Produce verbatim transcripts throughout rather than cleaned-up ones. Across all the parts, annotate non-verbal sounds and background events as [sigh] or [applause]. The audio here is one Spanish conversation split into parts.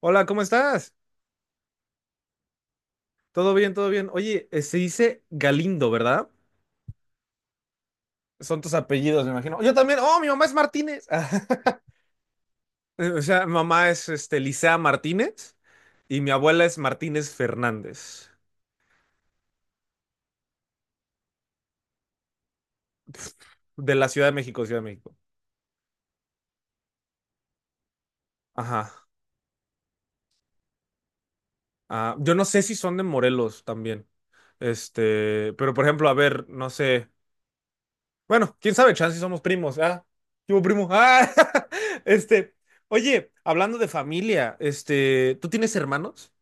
Hola, ¿cómo estás? Todo bien, todo bien. Oye, eh, se dice Galindo, ¿verdad? Son tus apellidos, me imagino. Yo también. Oh, mi mamá es Martínez. [laughs] Eh, O sea, mi mamá es este, Licea Martínez, y mi abuela es Martínez Fernández, de la Ciudad de México, Ciudad de México. Ajá. Ah, yo no sé si son de Morelos también. Este, pero por ejemplo, a ver, no sé. Bueno, quién sabe, chance y somos primos. Ah, ¿qué hubo, primo? Ah, [laughs] este, oye, hablando de familia, este, ¿tú tienes hermanos?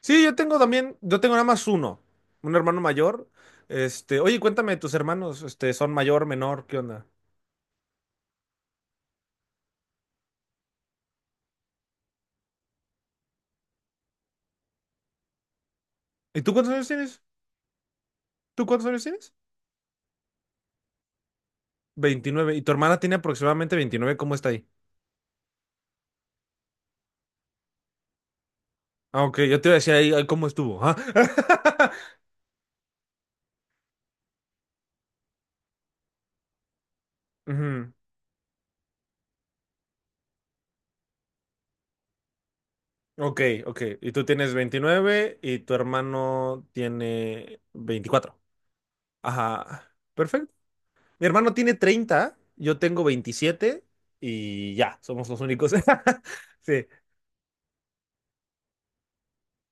Sí, yo tengo también, yo tengo nada más uno, un hermano mayor. Este, oye, cuéntame, tus hermanos, este, son mayor, menor, ¿qué onda? ¿Y tú cuántos años tienes? ¿Tú cuántos años tienes? Veintinueve. ¿Y tu hermana tiene aproximadamente veintinueve? ¿Cómo está ahí? Ah, ok, yo te iba a decir ahí, ahí cómo estuvo. Ah. [laughs] Ujú. Ok, ok. Y tú tienes veintinueve y tu hermano tiene veinticuatro. Ajá, perfecto. Mi hermano tiene treinta. Yo tengo veintisiete, y ya, somos los únicos. [laughs] Sí.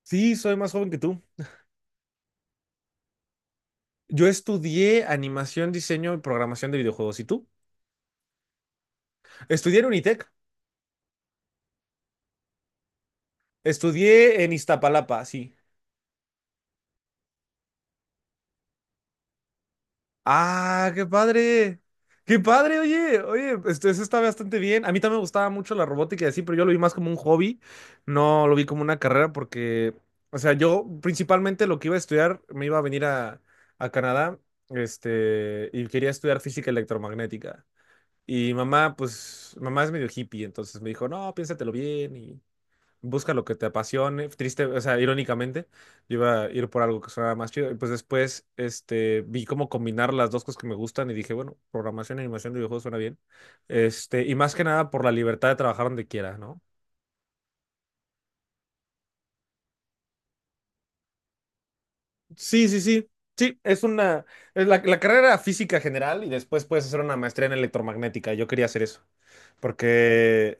Sí, soy más joven que tú. Yo estudié animación, diseño y programación de videojuegos. ¿Y tú? Estudié en Unitec. Estudié en Iztapalapa, sí. ¡Ah, qué padre! ¡Qué padre! Oye, oye, esto, eso está bastante bien. A mí también me gustaba mucho la robótica y así, pero yo lo vi más como un hobby. No lo vi como una carrera porque, o sea, yo principalmente lo que iba a estudiar me iba a venir a, a Canadá, este, y quería estudiar física electromagnética. Y mamá, pues, mamá es medio hippie, entonces me dijo, no, piénsatelo bien y busca lo que te apasione. Triste, o sea, irónicamente, yo iba a ir por algo que sonara más chido. Y pues después, este, vi cómo combinar las dos cosas que me gustan, y dije, bueno, programación y animación de videojuegos suena bien. Este, y más que nada por la libertad de trabajar donde quiera, ¿no? Sí, sí, sí. Sí, es una, es la, la carrera era física general y después puedes hacer una maestría en electromagnética. Yo quería hacer eso, porque,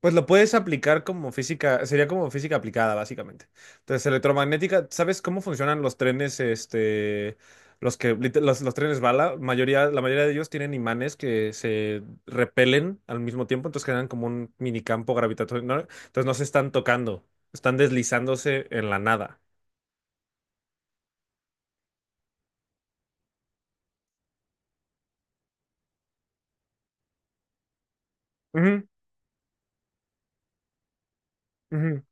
pues lo puedes aplicar como física, sería como física aplicada, básicamente. Entonces, electromagnética, ¿sabes cómo funcionan los trenes, este, los que, lit- los, los trenes bala? Mayoría, la mayoría de ellos tienen imanes que se repelen al mismo tiempo, entonces generan como un minicampo gravitatorio, ¿no? Entonces no se están tocando, están deslizándose en la nada. Ujú, ujú.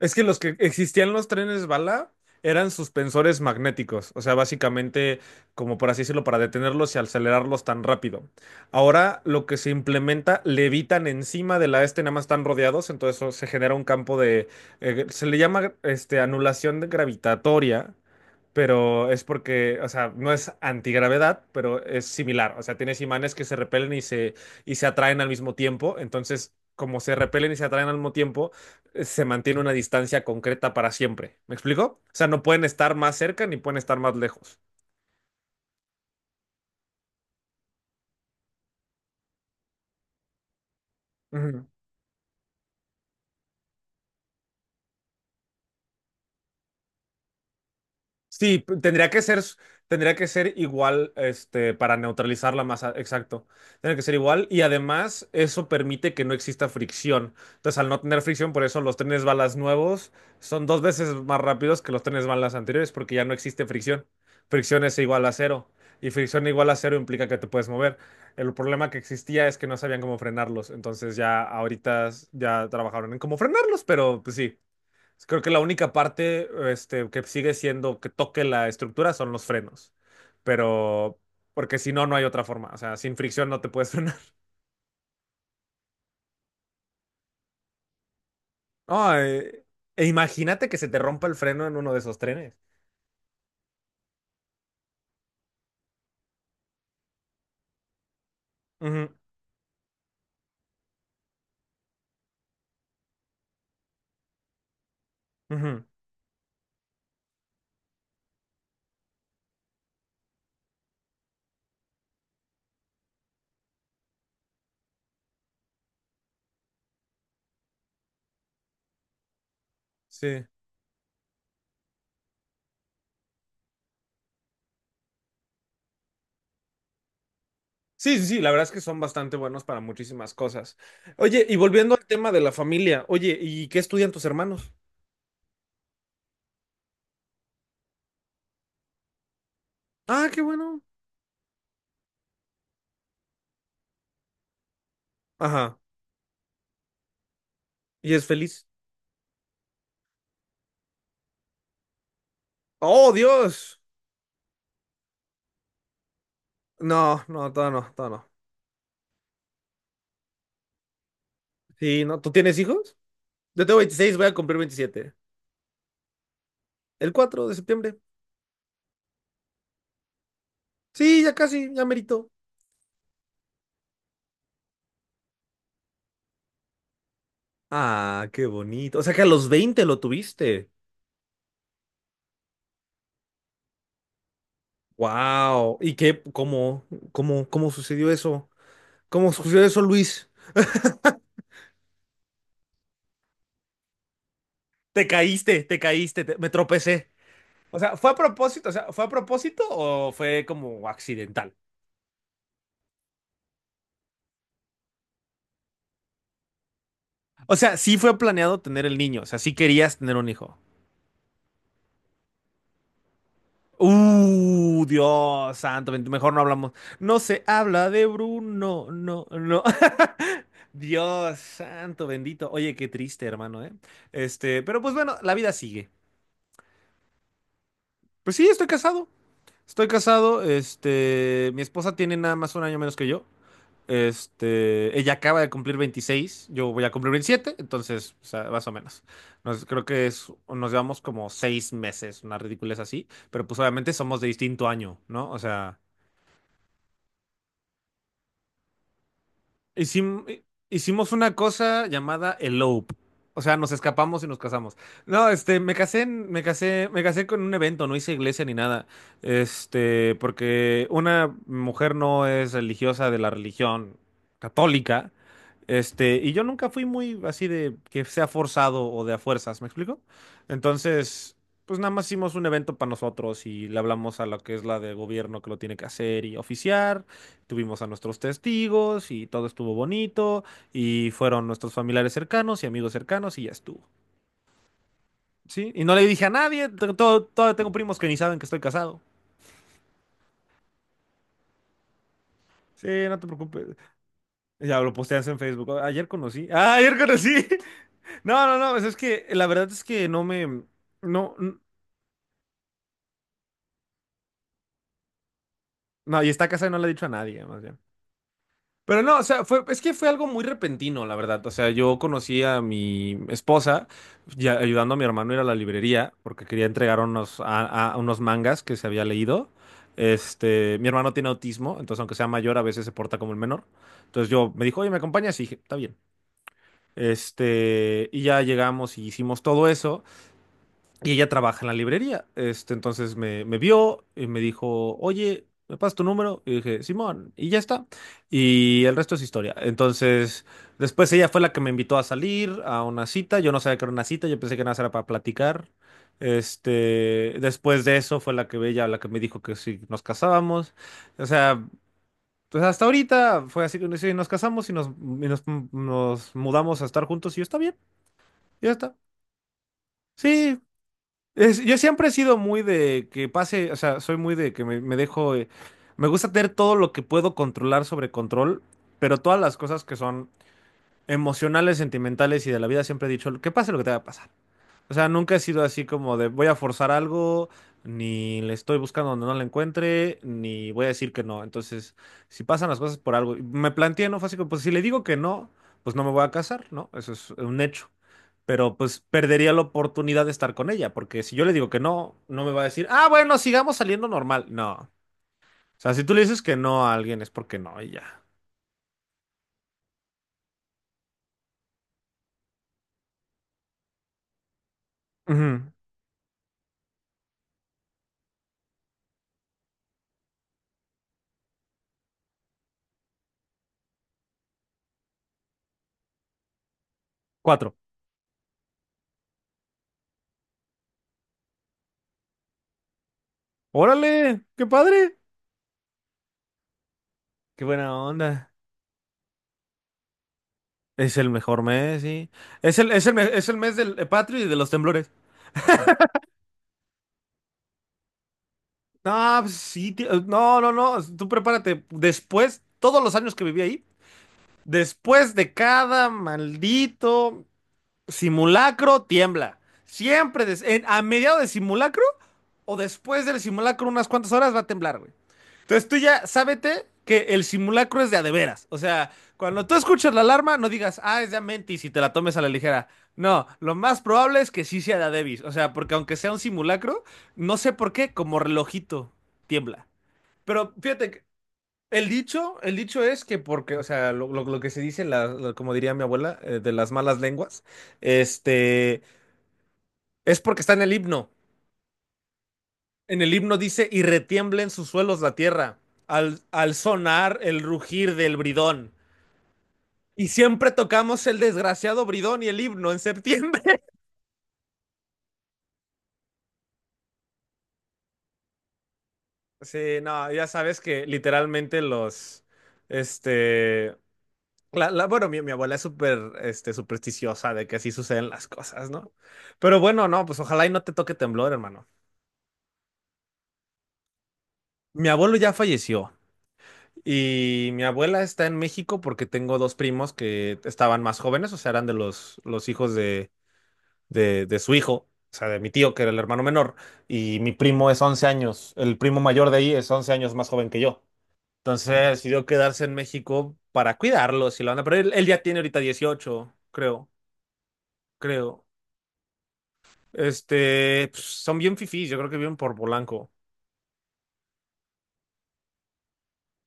Es que los que existían los trenes bala eran suspensores magnéticos, o sea, básicamente, como por así decirlo, para detenerlos y acelerarlos tan rápido. Ahora lo que se implementa, levitan encima de la este, nada más están rodeados, entonces eso se genera un campo de, eh, se le llama este, anulación de- gravitatoria, pero es porque, o sea, no es antigravedad, pero es similar. O sea, tienes imanes que se repelen y se, y se atraen al mismo tiempo. Entonces, como se repelen y se atraen al mismo tiempo, eh, se mantiene una distancia concreta para siempre. ¿Me explico? O sea, no pueden estar más cerca ni pueden estar más lejos. Ujú. Sí, p- tendría que ser, s- tendría que ser igual, este, para neutralizarla más, masa, exacto. Tendría que ser igual y además eso permite que no exista fricción. Entonces, al no tener fricción, por eso los trenes balas nuevos son dos veces más rápidos que los trenes balas anteriores porque ya no existe fricción. Fricción es igual a cero y fricción igual a cero implica que te puedes mover. El problema que existía es que no sabían cómo frenarlos, entonces ya ahorita s- ya trabajaron en cómo frenarlos, pero pues sí. Creo que la única parte este, que sigue siendo que toque la estructura son los frenos. Pero, porque si no, no hay otra forma. O sea, sin fricción no te puedes [laughs] frenar. No, eh, e imagínate que se te rompa el freno en uno de esos trenes. Ujú, ujú. Sí. Sí, sí, sí, la verdad es que son bastante buenos para muchísimas cosas. Oye, y volviendo al tema de la familia, oye, ¿y qué estudian tus hermanos? Ah, qué bueno. Ajá. ¿Y es feliz? Oh, Dios. No, no, todavía no, todavía no. Sí, ¿no? ¿Tú tienes hijos? Yo tengo veintiséis, voy a cumplir veintisiete. El cuatro de septiembre. Sí, ya casi, ya merito. Ah, qué bonito. O sea que a los veinte lo tuviste. Wow. ¿Y qué? ¿Cómo? ¿Cómo? ¿Cómo sucedió eso? ¿Cómo sucedió eso, Luis? Te caíste, te caíste, te- me tropecé. O sea, ¿fue a propósito? O sea, ¿fue a propósito o fue como accidental? O sea, sí fue planeado tener el niño, o sea, sí querías tener un hijo. Uh, Dios santo, ven- mejor no hablamos. No se habla de Bruno, no, no. [laughs] Dios santo, bendito. Oye, qué triste, hermano, ¿eh? Este, pero pues bueno, la vida sigue. Pues sí, estoy casado. Estoy casado, este, mi esposa tiene nada más un año menos que yo. Este, ella acaba de cumplir veintiséis, yo voy a cumplir veintisiete. Entonces, o sea, más o menos. Nos, creo que es, nos llevamos como seis meses, una ridiculez así, pero pues obviamente somos de distinto año, ¿no? O sea, Hicim- hicimos una cosa llamada elope. O sea, nos escapamos y nos casamos. No, este, me casé, en- me casé, me casé con un evento, no hice iglesia ni nada. Este, porque una mujer no es religiosa de la religión católica. Este, y yo nunca fui muy así de que sea forzado o de a fuerzas, ¿me explico? Entonces, pues nada más hicimos un evento para nosotros y le hablamos a la que es la de gobierno que lo tiene que hacer y oficiar. Tuvimos a nuestros testigos y todo estuvo bonito y fueron nuestros familiares cercanos y amigos cercanos y ya estuvo. ¿Sí? Y no le dije a nadie, te- todo, todavía tengo primos que ni saben que estoy casado. Sí, no te preocupes. Ya lo posteas en Facebook. Ayer conocí. [laughs] Ah, ayer conocí. [laughs] No, no, no, pues es que la verdad es que no me. No, n- no, y está casada y no le he dicho a nadie, más bien. Pero no, o sea, fue, es que fue algo muy repentino, la verdad. O sea, yo conocí a mi esposa ya ayudando a mi hermano a ir a la librería porque quería entregar unos, a, a unos mangas que se había leído. Este, mi hermano tiene autismo, entonces aunque sea mayor, a veces se porta como el menor. Entonces yo me dijo, oye, ¿me acompañas? Y dije, está bien. Este, y ya llegamos y hicimos todo eso. Y ella trabaja en la librería. Este, entonces me, me vio y me dijo, oye, ¿me pasas tu número? Y dije, Simón, y ya está. Y el resto es historia. Entonces, después ella fue la que me invitó a salir a una cita. Yo no sabía que era una cita, yo pensé que nada más era para platicar. Este, Después de eso fue la que ella, la que me dijo que si nos casábamos. O sea, pues hasta ahorita fue así que sí, nos casamos y nos, y nos, nos mudamos a estar juntos y yo, está bien, ya está. Sí, es- yo siempre he sido muy de que pase, o sea, soy muy de que me, me dejo, eh, me gusta tener todo lo que puedo controlar sobre control, pero todas las cosas que son emocionales, sentimentales y de la vida siempre he dicho, que pase lo que te va a pasar. O sea, nunca he sido así como de voy a forzar algo, ni le estoy buscando donde no la encuentre, ni voy a decir que no. Entonces, si pasan las cosas por algo, y me planteé, ¿no? Fue así como, pues si le digo que no, pues no me voy a casar, ¿no? Eso es un hecho, pero pues perdería la oportunidad de estar con ella, porque si yo le digo que no, no me va a decir, ah, bueno, sigamos saliendo normal. No. O sea, si tú le dices que no a alguien es porque no, y ya. Ujú. Cuatro. Órale, qué padre. Qué buena onda. Es el mejor mes, sí. Es el, es el, me- es el mes del eh, patrio y de los temblores. No, pues sí, ti- eh, no, no, no. Tú prepárate. Después, todos los años que viví ahí, después de cada maldito simulacro, tiembla. Siempre des- en- a mediados de simulacro o después del simulacro, unas cuantas horas va a temblar, güey. Entonces tú ya sábete que el simulacro es de a de veras. O sea, cuando tú escuchas la alarma, no digas, ah, es de a mentis y te la tomes a la ligera. No, lo más probable es que sí sea de a debis. O sea, porque aunque sea un simulacro, no sé por qué, como relojito tiembla. Pero fíjate, el dicho, el dicho es que porque, o sea, lo, lo- lo que se dice, la- lo- como diría mi abuela, eh, de las malas lenguas, este, es porque está en el himno. En el himno dice, y retiembla en sus suelos la tierra, al, al sonar el rugir del bridón. Y siempre tocamos el desgraciado bridón y el himno en septiembre. [laughs] Sí, no, ya sabes que literalmente los, este, La, la- bueno, mi, mi abuela es súper este, supersticiosa de que así suceden las cosas, ¿no? Pero bueno, no, pues ojalá y no te toque temblor, hermano. Mi abuelo ya falleció y mi abuela está en México porque tengo dos primos que estaban más jóvenes, o sea, eran de los, los hijos de, de, de su hijo, o sea, de mi tío, que era el hermano menor, y mi primo es once años, el primo mayor de ahí es once años más joven que yo. Entonces decidió quedarse en México para cuidarlos y la onda, pero él, él ya tiene ahorita dieciocho, creo, creo. Este, pues, son bien fifís, yo creo que viven por Polanco.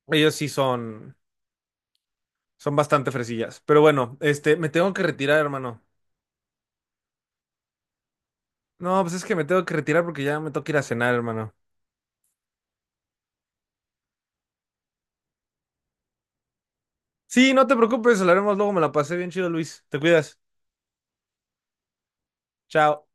Ellos sí son, son bastante fresillas. Pero bueno, este, me tengo que retirar, hermano. No, pues es que me tengo que retirar porque ya me toca ir a cenar, hermano. Sí, no te preocupes, hablaremos luego, me la pasé bien chido, Luis. Te cuidas. Chao.